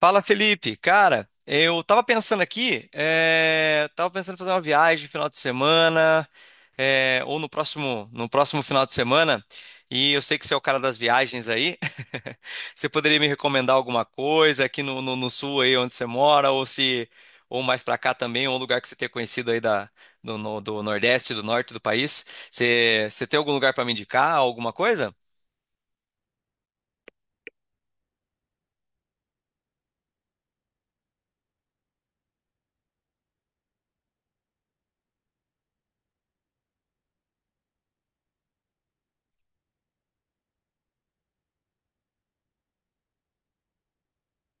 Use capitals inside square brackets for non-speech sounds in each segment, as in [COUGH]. Fala, Felipe. Cara, eu tava pensando aqui, tava pensando em fazer uma viagem no final de semana, ou no próximo, no próximo final de semana, e eu sei que você é o cara das viagens aí. [LAUGHS] Você poderia me recomendar alguma coisa aqui no sul aí onde você mora, ou se, ou mais pra cá também, ou um lugar que você tenha conhecido aí da, do, no- do Nordeste, do norte do país. Você tem algum lugar pra me indicar, alguma coisa?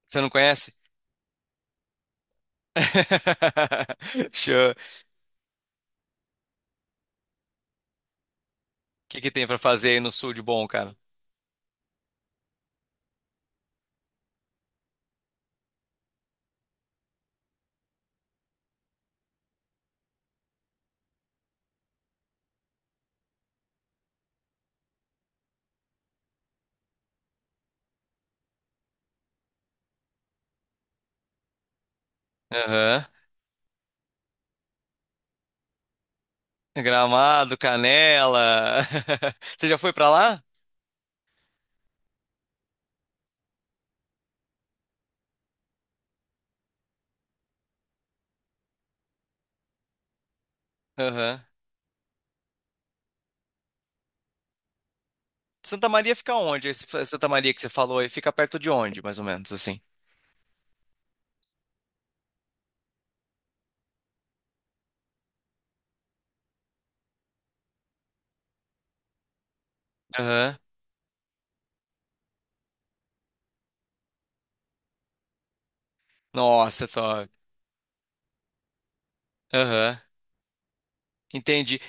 Você não conhece? [LAUGHS] Show. Que tem pra fazer aí no sul de bom, cara? Aham. Gramado, Canela. [LAUGHS] Você já foi pra lá? Aham. Santa Maria fica onde? Santa Maria que você falou aí fica perto de onde, mais ou menos, assim? Aham. Nossa, top. Aham. Entendi.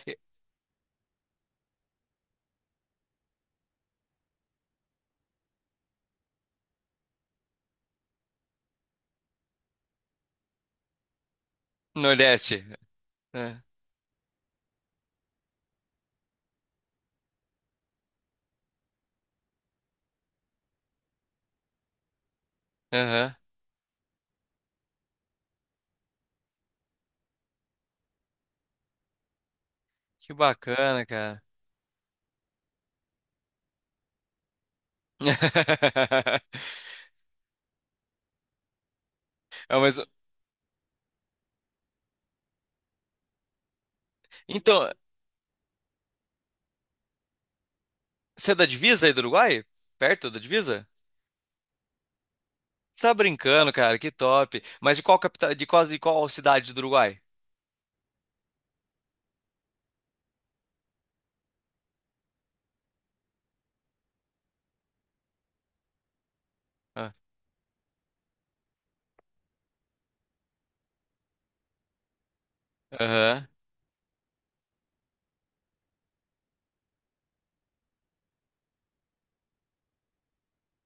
Nordeste. É. Aham. Que bacana, cara. [LAUGHS] É, mas- Então, você é da divisa aí do Uruguai? Perto da divisa? Você tá brincando, cara, que top. Mas de qual capital, de quase de qual cidade do Uruguai? Ah. Aham.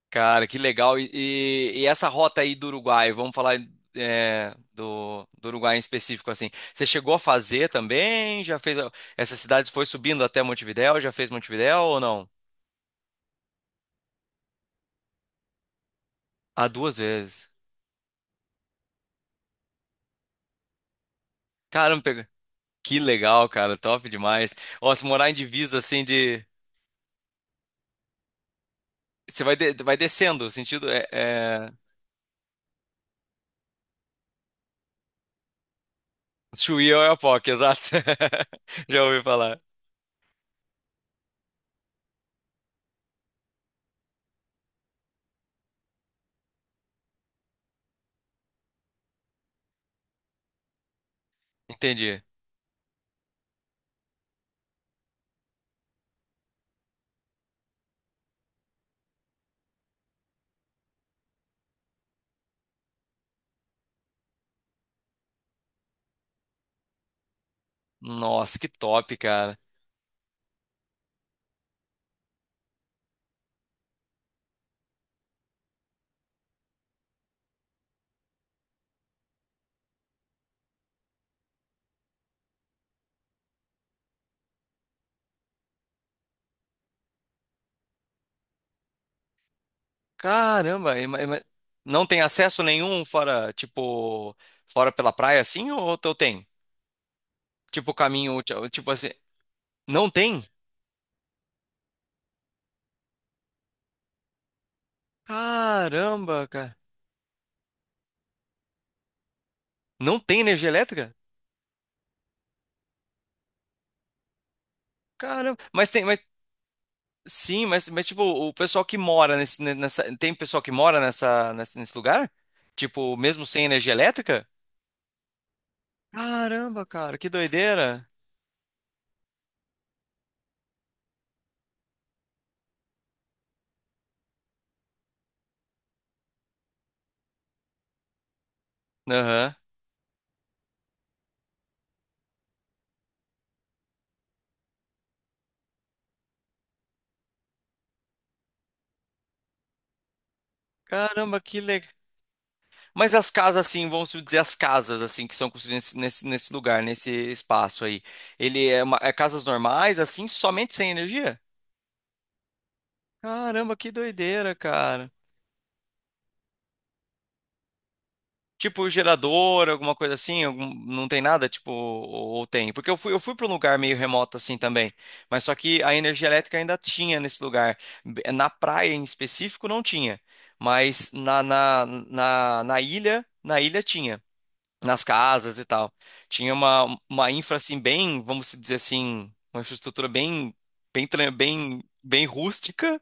Cara, que legal. E essa rota aí do Uruguai, vamos falar é, do Uruguai em específico, assim. Você chegou a fazer também? Já fez. Essas cidades foi subindo até Montevidéu? Já fez Montevidéu ou não? Ah, duas vezes. Caramba, pega- que legal, cara. Top demais. Ó, se morar em divisa, assim, de. Você vai, vai descendo, sentido. Chuí ou Oiapoque, exato. [LAUGHS] Já ouvi falar. Entendi. Nossa, que top, cara. Caramba, e ma- Não tem acesso nenhum fora, tipo, fora pela praia assim ou tu tem? Tipo caminho, tipo assim, não tem? Caramba, cara. Não tem energia elétrica? Caramba, mas tem, mas sim, mas tipo, o pessoal que mora nessa tem pessoal que mora nesse lugar? Tipo, mesmo sem energia elétrica? Caramba, cara, que doideira. Aham. Caramba, que legal. Mas as casas, assim, vamos dizer, as casas, assim, que são construídas nesse lugar, nesse espaço aí, ele é, é casas normais, assim, somente sem energia? Caramba, que doideira, cara. Tipo, gerador, alguma coisa assim, não tem nada, tipo, ou tem? Porque eu fui para um lugar meio remoto, assim, também, mas só que a energia elétrica ainda tinha nesse lugar. Na praia, em específico, não tinha, mas na ilha tinha. Nas casas e tal. Tinha uma infra assim bem, vamos dizer assim, uma infraestrutura bem bem bem rústica,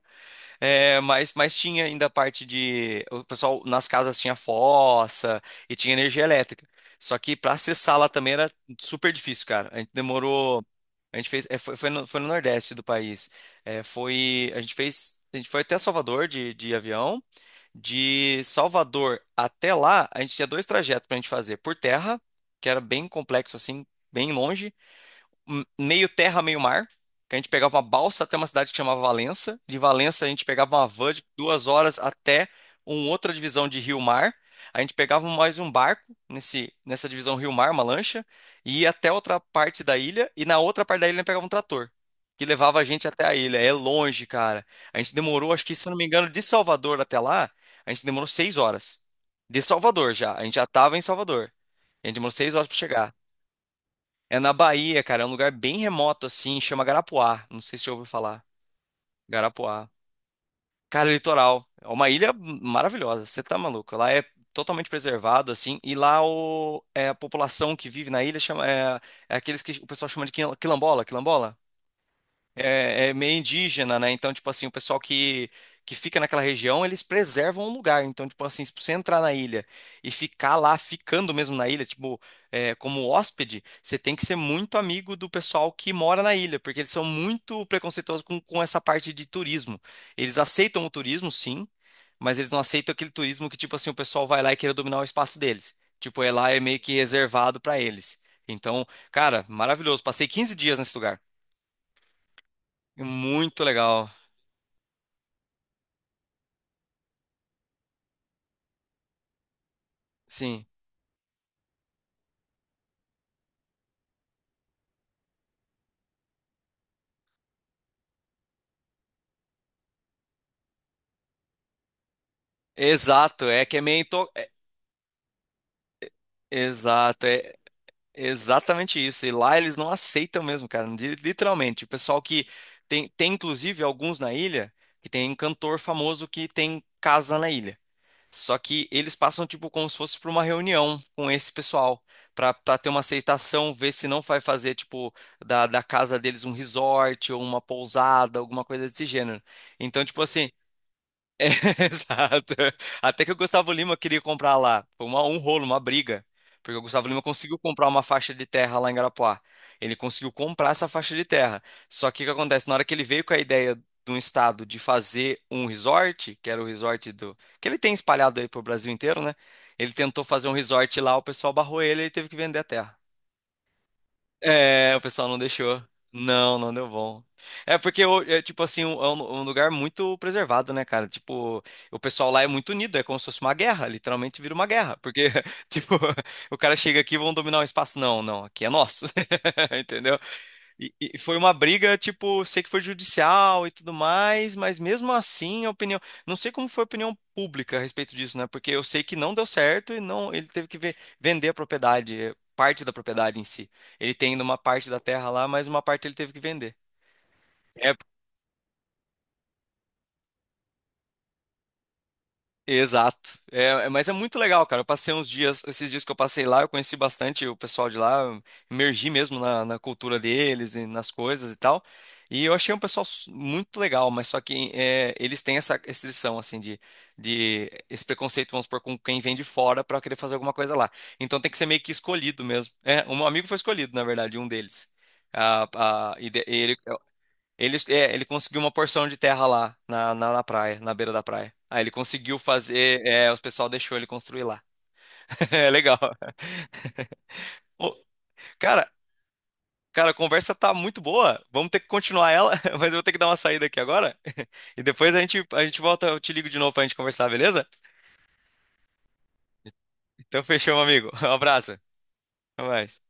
é, mas tinha ainda a parte de o pessoal nas casas tinha fossa e tinha energia elétrica. Só que para acessar lá também era super difícil, cara. A gente demorou, a gente fez, é, foi no Nordeste do país. É, foi, a gente fez, a gente foi até Salvador de avião. De Salvador até lá, a gente tinha dois trajetos para a gente fazer. Por terra, que era bem complexo assim, bem longe meio terra, meio mar. Que a gente pegava uma balsa até uma cidade que chamava Valença. De Valença a gente pegava uma van de 2 horas até uma outra divisão de rio-mar. A gente pegava mais um barco nessa divisão rio-mar, uma lancha, e ia até outra parte da ilha. E na outra parte da ilha a gente pegava um trator, que levava a gente até a ilha. É longe, cara. A gente demorou, acho que, se eu não me engano, de Salvador até lá, a gente demorou 6 horas. De Salvador já. A gente já estava em Salvador. A gente demorou seis horas para chegar. É na Bahia, cara. É um lugar bem remoto, assim. Chama Garapuá. Não sei se você já ouviu falar. Garapuá. Cara, litoral. É uma ilha maravilhosa. Você tá maluco? Lá é totalmente preservado, assim. E lá o, é, a população que vive na ilha chama, é, é aqueles que o pessoal chama de quilombola. Quilombola? É, é meio indígena, né? Então, tipo assim, que fica naquela região, eles preservam o lugar. Então, tipo assim, se você entrar na ilha e ficar lá, ficando mesmo na ilha, tipo, é, como hóspede, você tem que ser muito amigo do pessoal que mora na ilha, porque eles são muito preconceituosos com essa parte de turismo. Eles aceitam o turismo, sim, mas eles não aceitam aquele turismo que, tipo assim, o pessoal vai lá e queira dominar o espaço deles. Tipo, é lá é meio que reservado pra eles. Então, cara, maravilhoso. Passei 15 dias nesse lugar. Muito legal. Sim. Exato, é que é meio into... é- Exato, é exatamente isso. E lá eles não aceitam mesmo, cara, literalmente. O pessoal que tem tem inclusive alguns na ilha que tem um cantor famoso que tem casa na ilha. Só que eles passam tipo como se fosse para uma reunião com esse pessoal, para ter uma aceitação, ver se não vai fazer tipo da casa deles um resort ou uma pousada, alguma coisa desse gênero. Então, tipo assim, [LAUGHS] Exato. Até que o Gustavo Lima queria comprar lá. Foi um rolo, uma briga. Porque o Gustavo Lima conseguiu comprar uma faixa de terra lá em Garapuá. Ele conseguiu comprar essa faixa de terra. Só que o que acontece? Na hora que ele veio com a ideia de um estado de fazer um resort, que era o resort do. Que ele tem espalhado aí pro Brasil inteiro, né? Ele tentou fazer um resort lá, o pessoal barrou ele e ele teve que vender a terra. É, o pessoal não deixou. Não, não deu bom. É porque, é, tipo assim, é um, um lugar muito preservado, né, cara? Tipo, o pessoal lá é muito unido, é como se fosse uma guerra, literalmente vira uma guerra. Porque, [LAUGHS] tipo, o cara chega aqui e vão dominar o espaço. Não, não, aqui é nosso. [LAUGHS] Entendeu? Foi uma briga, tipo, sei que foi judicial e tudo mais, mas mesmo assim a opinião. Não sei como foi a opinião pública a respeito disso, né? Porque eu sei que não deu certo e não, ele teve que vender a propriedade, parte da propriedade em si. Ele tem ainda uma parte da terra lá, mas uma parte ele teve que vender. É. Exato. É, mas é muito legal, cara. Eu passei uns dias, esses dias que eu passei lá, eu conheci bastante o pessoal de lá, eu imergi mesmo na cultura deles e nas coisas e tal. E eu achei um pessoal muito legal, mas só que é, eles têm essa restrição, assim, de esse preconceito, vamos supor, com quem vem de fora pra querer fazer alguma coisa lá. Então tem que ser meio que escolhido mesmo. É, um amigo foi escolhido, na verdade, um deles. Ah, ah, e de- ele, ele, é, ele conseguiu uma porção de terra lá, na praia, na beira da praia. Aí ele conseguiu fazer, é, o pessoal deixou ele construir lá. [LAUGHS] É legal. Ô, cara, a conversa tá muito boa. Vamos ter que continuar ela, [LAUGHS] mas eu vou ter que dar uma saída aqui agora. [LAUGHS] E depois a gente volta, eu te ligo de novo pra gente conversar, beleza? Então fechou, meu amigo. [LAUGHS] Um abraço. Até mais.